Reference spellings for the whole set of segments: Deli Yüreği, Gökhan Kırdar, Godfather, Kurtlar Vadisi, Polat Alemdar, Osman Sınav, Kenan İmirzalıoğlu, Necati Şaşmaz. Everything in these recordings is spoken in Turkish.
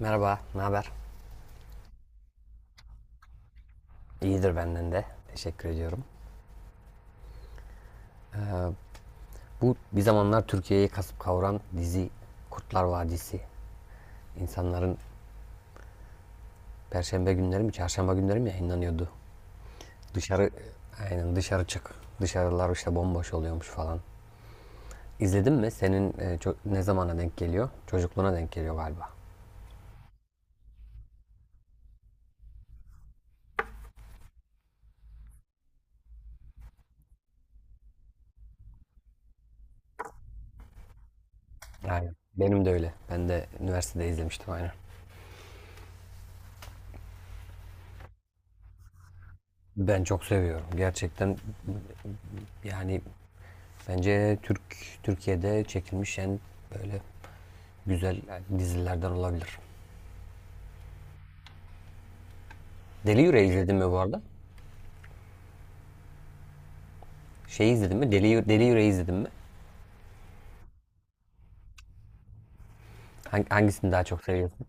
Merhaba, ne haber? İyidir benden de. Teşekkür ediyorum. Bu bir zamanlar Türkiye'yi kasıp kavuran dizi Kurtlar Vadisi. İnsanların perşembe günleri mi, çarşamba günleri mi yayınlanıyordu? Dışarı, aynen dışarı çık. Dışarılar işte bomboş oluyormuş falan. İzledin mi? Senin ne zamana denk geliyor? Çocukluğuna denk geliyor galiba. Aynen. Benim de öyle. Ben de üniversitede izlemiştim aynen. Ben çok seviyorum. Gerçekten yani bence Türkiye'de çekilmiş en böyle güzel yani dizilerden olabilir. Deli Yüreği izledin mi bu arada? Şeyi izledin mi? Deli Yüreği izledin mi? Hangisini daha çok seviyorsun?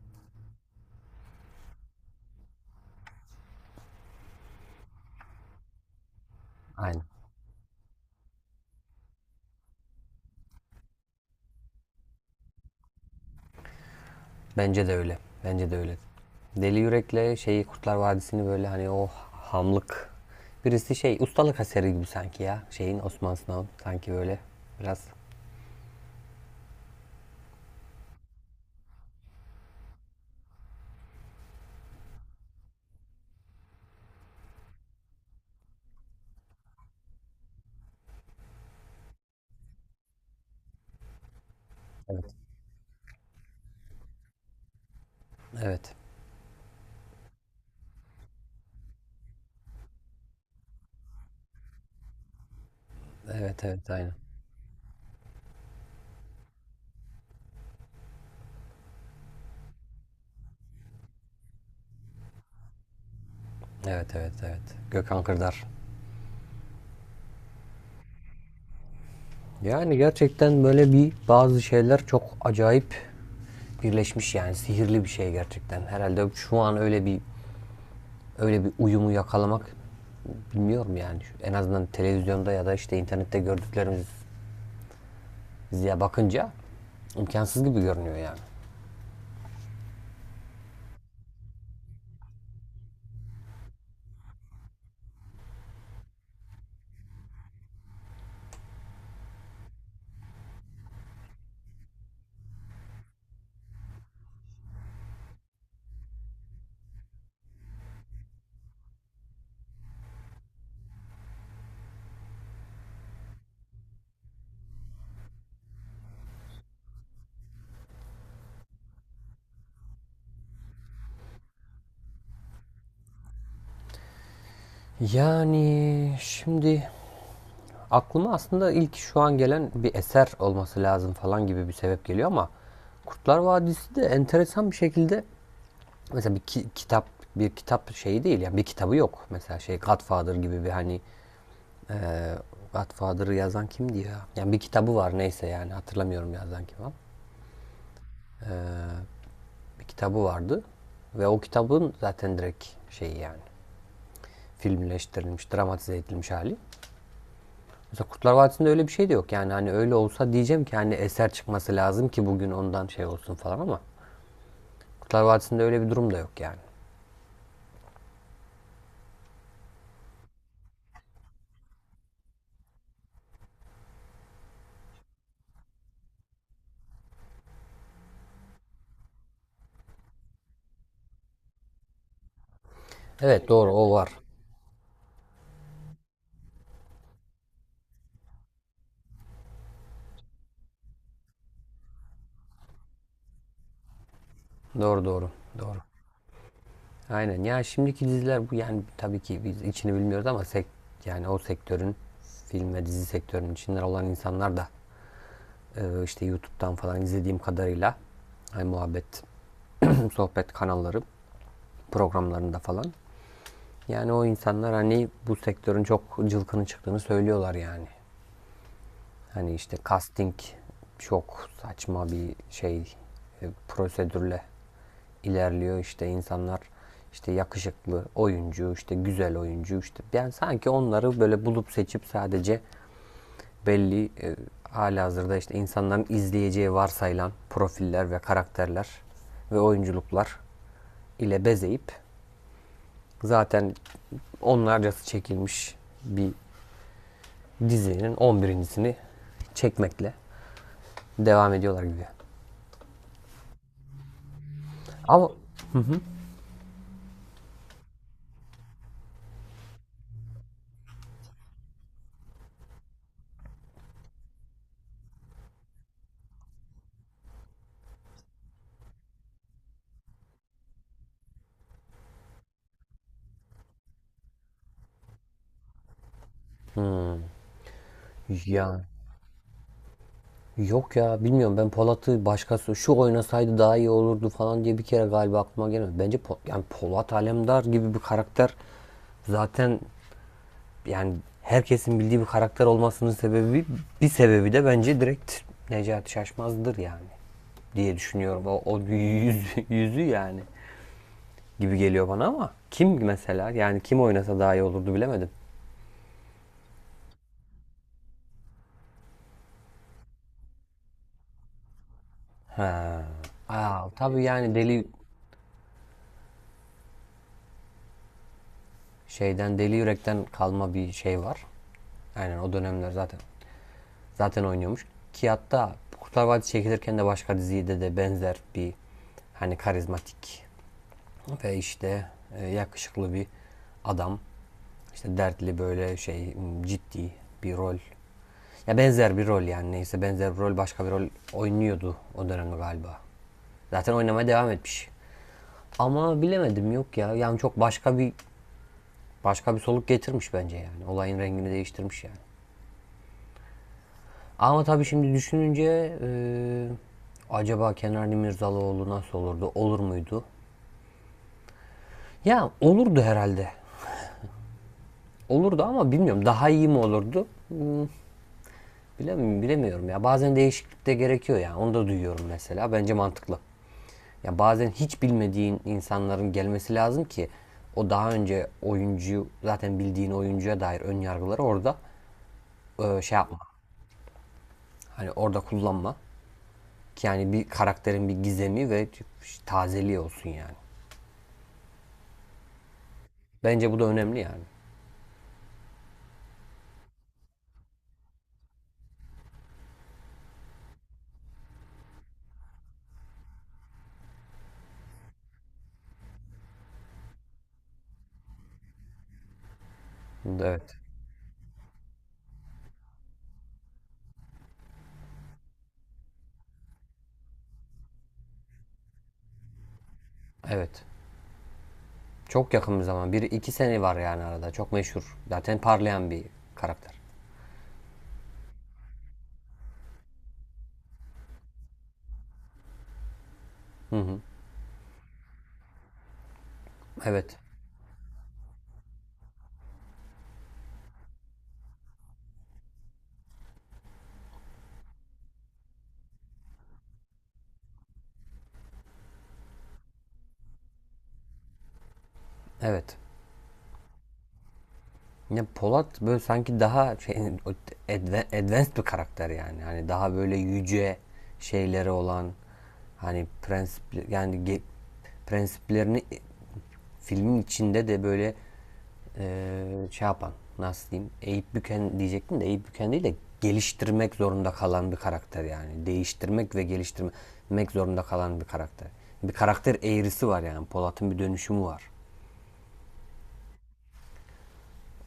Aynen. Bence de öyle. Bence de öyle. Deli Yürek'le şeyi Kurtlar Vadisi'ni böyle hani o hamlık birisi şey ustalık eseri gibi sanki ya. Şeyin Osman Sınav'ın sanki böyle biraz. Evet. Evet. Evet, evet, aynen. Evet, evet, evet. Gökhan Kırdar. Yani gerçekten böyle bir bazı şeyler çok acayip birleşmiş yani sihirli bir şey gerçekten. Herhalde şu an öyle bir uyumu yakalamak bilmiyorum yani. En azından televizyonda ya da işte internette gördüklerimiz diye bakınca imkansız gibi görünüyor yani. Yani şimdi aklıma aslında ilk şu an gelen bir eser olması lazım falan gibi bir sebep geliyor ama Kurtlar Vadisi de enteresan bir şekilde mesela kitap bir kitap şeyi değil yani bir kitabı yok. Mesela şey Godfather gibi bir hani Godfather'ı yazan kimdi ya? Yani bir kitabı var neyse yani hatırlamıyorum yazan kim ama. Bir kitabı vardı ve o kitabın zaten direkt şeyi yani filmleştirilmiş, dramatize edilmiş hali. Mesela Kurtlar Vadisi'nde öyle bir şey de yok. Yani hani öyle olsa diyeceğim ki hani eser çıkması lazım ki bugün ondan şey olsun falan ama Kurtlar Vadisi'nde öyle bir durum da yok yani. Evet, doğru, o var. Doğru, doğru. Doğru. Aynen. Ya şimdiki diziler bu yani tabii ki biz içini bilmiyoruz ama yani o sektörün film ve dizi sektörünün içinden olan insanlar da işte YouTube'dan falan izlediğim kadarıyla hani muhabbet, sohbet kanalları programlarında falan. Yani o insanlar hani bu sektörün çok cılkını çıktığını söylüyorlar yani. Hani işte casting çok saçma bir şey prosedürle ilerliyor işte insanlar işte yakışıklı oyuncu, işte güzel oyuncu, işte ben sanki onları böyle bulup seçip sadece belli halihazırda işte insanların izleyeceği varsayılan profiller ve karakterler ve oyunculuklar ile bezeyip zaten onlarcası çekilmiş bir dizinin 11'incisini çekmekle devam ediyorlar gibi. Ama ya yok ya bilmiyorum, ben Polat'ı başkası şu oynasaydı daha iyi olurdu falan diye bir kere galiba aklıma gelmedi. Bence yani Polat Alemdar gibi bir karakter zaten yani herkesin bildiği bir karakter olmasının sebebi, bir sebebi de bence direkt Necati Şaşmaz'dır yani diye düşünüyorum. O yüz, yüzü yani gibi geliyor bana ama kim mesela yani kim oynasa daha iyi olurdu bilemedim. Aa, tabii yani deli yürekten kalma bir şey var. Aynen o dönemler zaten oynuyormuş. Ki hatta Kurtlar Vadisi çekilirken de başka dizide de benzer bir hani karizmatik ve işte yakışıklı bir adam, İşte dertli böyle şey, ciddi bir rol. Ya benzer bir rol yani neyse benzer bir rol, başka bir rol oynuyordu o dönemde galiba. Zaten oynamaya devam etmiş. Ama bilemedim yok ya. Yani çok başka bir soluk getirmiş bence yani. Olayın rengini değiştirmiş yani. Ama tabii şimdi düşününce acaba Kenarlı Mirzalıoğlu nasıl olurdu? Olur muydu? Ya olurdu herhalde. Olurdu ama bilmiyorum, daha iyi mi olurdu? Bilemiyorum, bilemiyorum ya. Bazen değişiklik de gerekiyor yani. Onu da duyuyorum mesela. Bence mantıklı. Ya bazen hiç bilmediğin insanların gelmesi lazım ki o daha önce oyuncuyu, zaten bildiğin oyuncuya dair ön yargıları orada şey yapma. Hani orada kullanma. Ki yani bir karakterin bir gizemi ve tazeliği olsun yani. Bence bu da önemli yani. Evet. Evet. Çok yakın bir zaman. Bir iki sene var yani arada. Çok meşhur. Zaten parlayan bir karakter. Hı hı. Evet. Evet. Ya Polat böyle sanki daha şey, advanced bir karakter yani. Hani daha böyle yüce şeyleri olan, hani prensip yani prensiplerini filmin içinde de böyle eee, şey yapan, nasıl diyeyim, eğip büken diyecektim de eğip büken değil de geliştirmek zorunda kalan bir karakter yani. Değiştirmek ve geliştirmek zorunda kalan bir karakter. Bir karakter eğrisi var yani. Polat'ın bir dönüşümü var.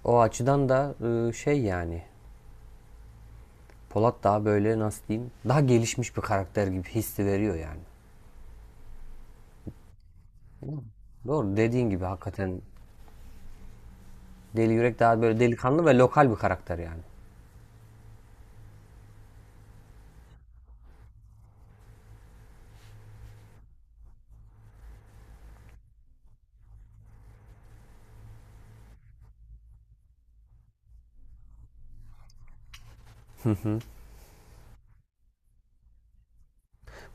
O açıdan da şey yani Polat daha böyle nasıl diyeyim, daha gelişmiş bir karakter gibi hissi veriyor yani. Doğru dediğin gibi hakikaten Deli Yürek daha böyle delikanlı ve lokal bir karakter yani.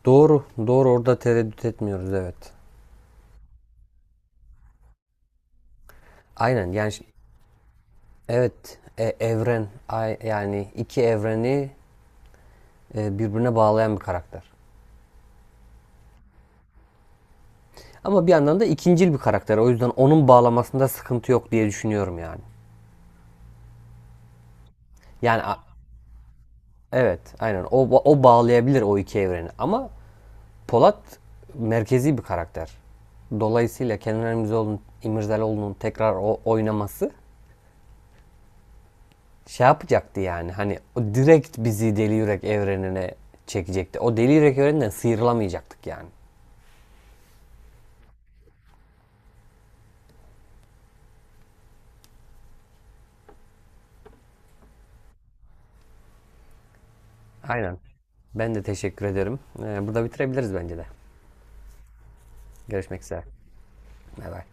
Doğru, doğru, orada tereddüt etmiyoruz, evet. Aynen yani, evet, evren yani iki evreni birbirine bağlayan bir karakter. Ama bir yandan da ikincil bir karakter, o yüzden onun bağlamasında sıkıntı yok diye düşünüyorum yani. Yani evet, aynen, o bağlayabilir o iki evreni ama Polat merkezi bir karakter. Dolayısıyla Kenan İmirzalıoğlu'nun tekrar o oynaması şey yapacaktı yani. Hani o direkt bizi Deli Yürek evrenine çekecekti. O Deli Yürek evreninden sıyrılamayacaktık yani. Aynen. Ben de teşekkür ederim. Burada bitirebiliriz bence de. Görüşmek üzere. Bay bay.